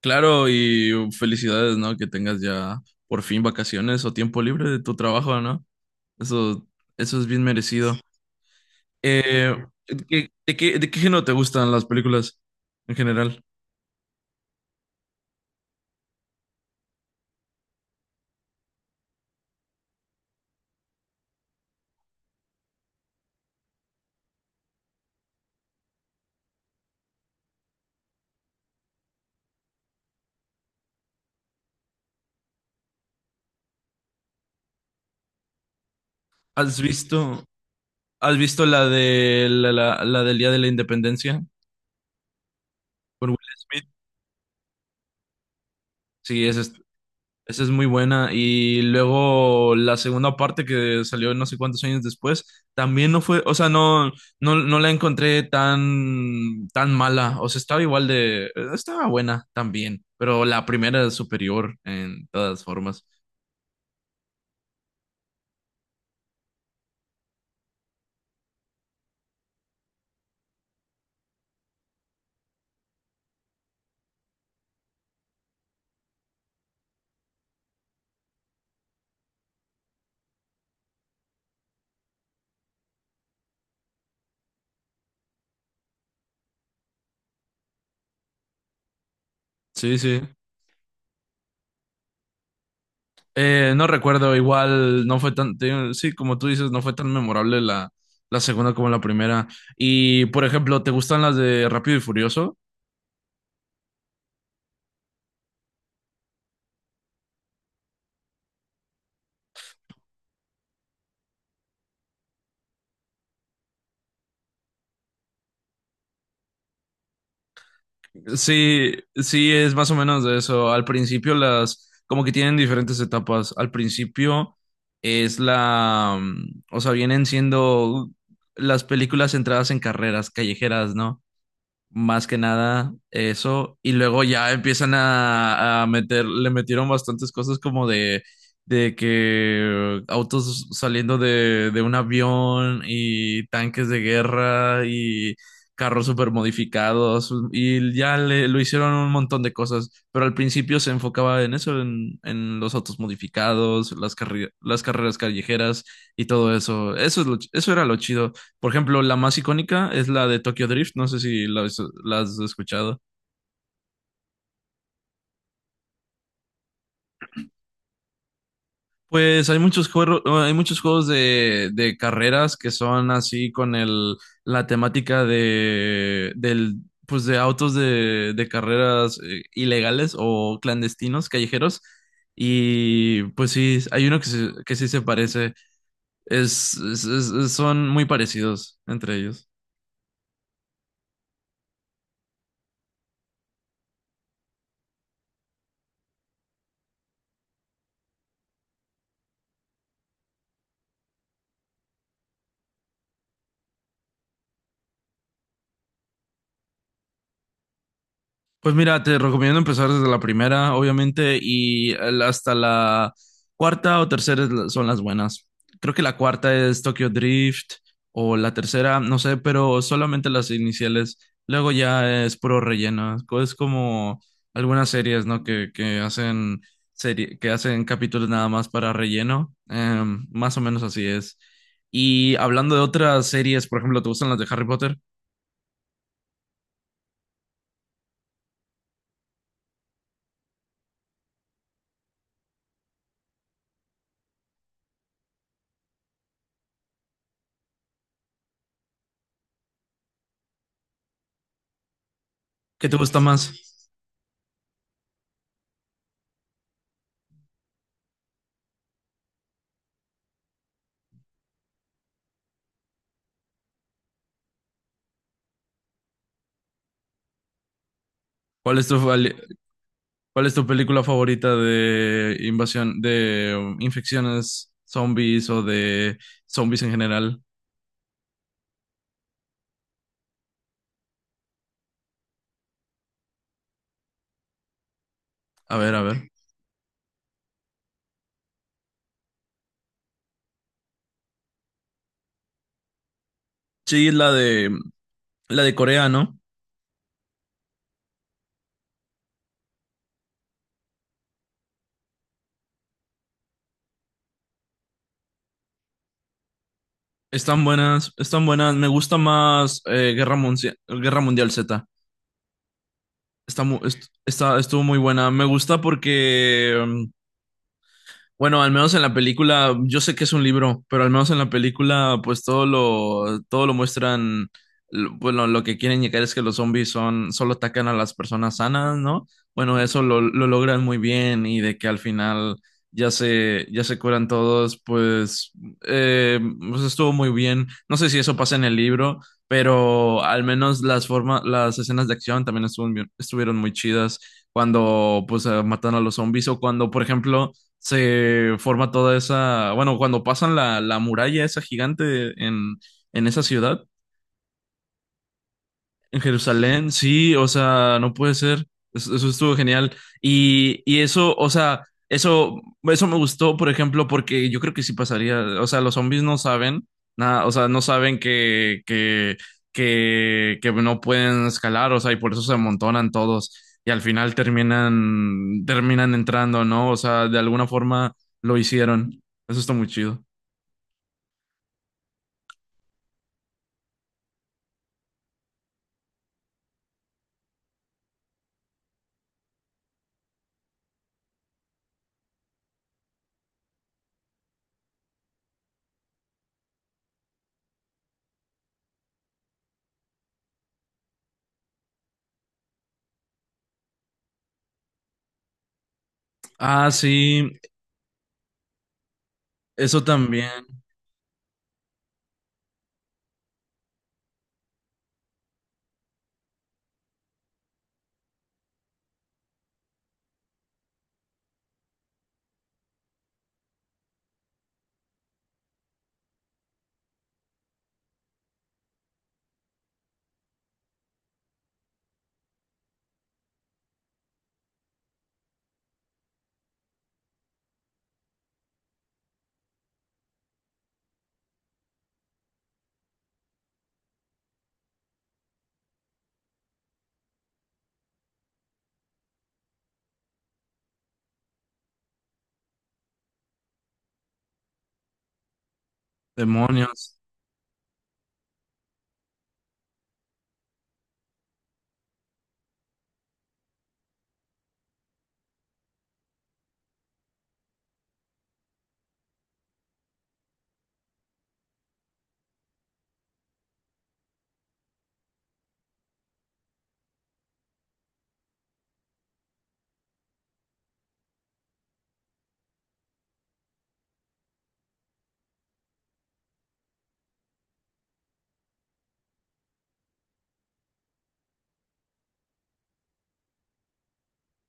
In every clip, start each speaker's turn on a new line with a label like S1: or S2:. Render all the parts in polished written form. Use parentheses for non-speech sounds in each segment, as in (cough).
S1: Claro, y felicidades, ¿no? Que tengas ya por fin vacaciones o tiempo libre de tu trabajo, ¿no? Eso, eso es bien merecido. Eh, ¿De qué, de qué género te gustan las películas en general? ¿Has visto, ¿Has visto la de la del Día de la Independencia con Will Smith? Sí, esa es muy buena. Y luego la segunda parte que salió no sé cuántos años después, también no fue, o sea, no la encontré tan, tan mala. O sea, estaba igual de, estaba buena también, pero la primera es superior en todas formas. Sí, sí. No recuerdo, igual no fue tan, te digo, sí, como tú dices, no fue tan memorable la segunda como la primera. Y, por ejemplo, ¿te gustan las de Rápido y Furioso? Sí, sí, es más o menos de eso. Al principio las, como que tienen diferentes etapas. Al principio es o sea, vienen siendo las películas centradas en carreras callejeras, ¿no? Más que nada eso. Y luego ya empiezan a meter, le metieron bastantes cosas como de que autos saliendo de un avión y tanques de guerra y carros super modificados. Y ya le, lo hicieron un montón de cosas. Pero al principio se enfocaba en eso, en los autos modificados, las, las carreras callejeras y todo eso. Eso era lo chido. Por ejemplo, la más icónica es la de Tokyo Drift, no sé si la, has la has escuchado. Pues hay muchos juegos de carreras que son así con el, la temática de, del, pues de autos de carreras ilegales o clandestinos, callejeros. Y pues sí, hay uno que sí se parece. Son muy parecidos entre ellos. Pues mira, te recomiendo empezar desde la primera, obviamente, y hasta la cuarta o tercera son las buenas. Creo que la cuarta es Tokyo Drift o la tercera, no sé, pero solamente las iniciales. Luego ya es puro relleno. Es como algunas series, ¿no? Que hacen serie, que hacen capítulos nada más para relleno. Más o menos así es. Y hablando de otras series, por ejemplo, ¿te gustan las de Harry Potter? ¿Qué te gusta más? ¿Cuál es tu, ¿Cuál es tu película favorita de invasión, de infecciones zombies o de zombies en general? A ver, a ver. Sí, la de Corea, ¿no? Están buenas, están buenas. Me gusta más Guerra Mundial Z. Está, mu- est- está- Estuvo muy buena. Me gusta porque bueno, al menos en la película, yo sé que es un libro, pero al menos en la película, pues todo lo muestran, bueno, lo que quieren llegar es que los zombies son, solo atacan a las personas sanas, ¿no? Bueno, lo logran muy bien y de que al final ya se curan todos, pues, eh, pues estuvo muy bien. No sé si eso pasa en el libro, pero al menos las formas, las escenas de acción también estuvieron, estuvieron muy chidas cuando, pues, matan a los zombies o cuando, por ejemplo, se forma toda esa, bueno, cuando pasan la muralla esa gigante en esa ciudad, en Jerusalén, sí, o sea, no puede ser. Eso estuvo genial. Y eso, o sea, eso me gustó, por ejemplo, porque yo creo que sí pasaría. O sea, los zombies no saben nada, o sea, no saben que no pueden escalar, o sea, y por eso se amontonan todos. Y al final terminan, terminan entrando, ¿no? O sea, de alguna forma lo hicieron. Eso está muy chido. Ah, sí, eso también. Demonios.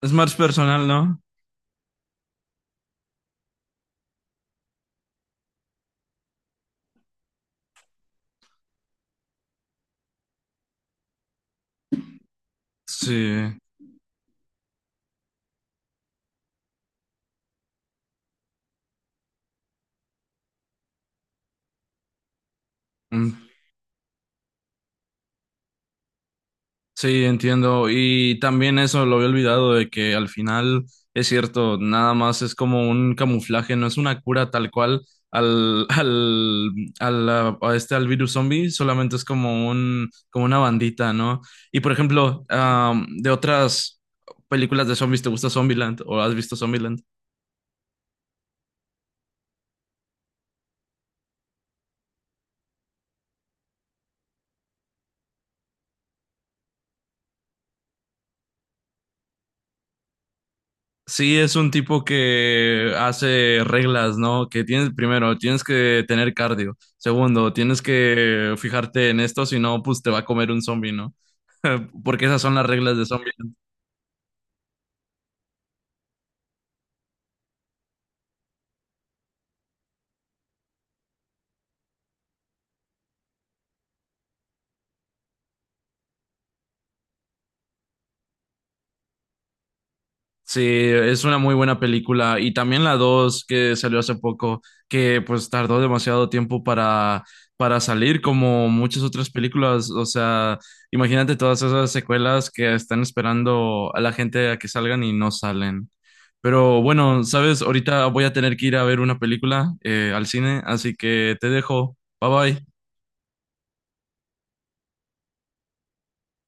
S1: Es más personal, ¿no? Sí, mm, sí, entiendo. Y también eso lo había olvidado de que al final es cierto, nada más es como un camuflaje, no es una cura tal cual al, (laughs) a a este, al virus zombie, solamente es como un, como una bandita, ¿no? Y por ejemplo, de otras películas de zombies, ¿te gusta Zombieland o has visto Zombieland? Sí, es un tipo que hace reglas, ¿no? Que tienes, primero, tienes que tener cardio. Segundo, tienes que fijarte en esto, si no, pues te va a comer un zombie, ¿no? (laughs) Porque esas son las reglas de zombies. Sí, es una muy buena película. Y también la 2 que salió hace poco, que pues tardó demasiado tiempo para salir, como muchas otras películas. O sea, imagínate todas esas secuelas que están esperando a la gente a que salgan y no salen. Pero bueno, sabes, ahorita voy a tener que ir a ver una película al cine, así que te dejo. Bye bye.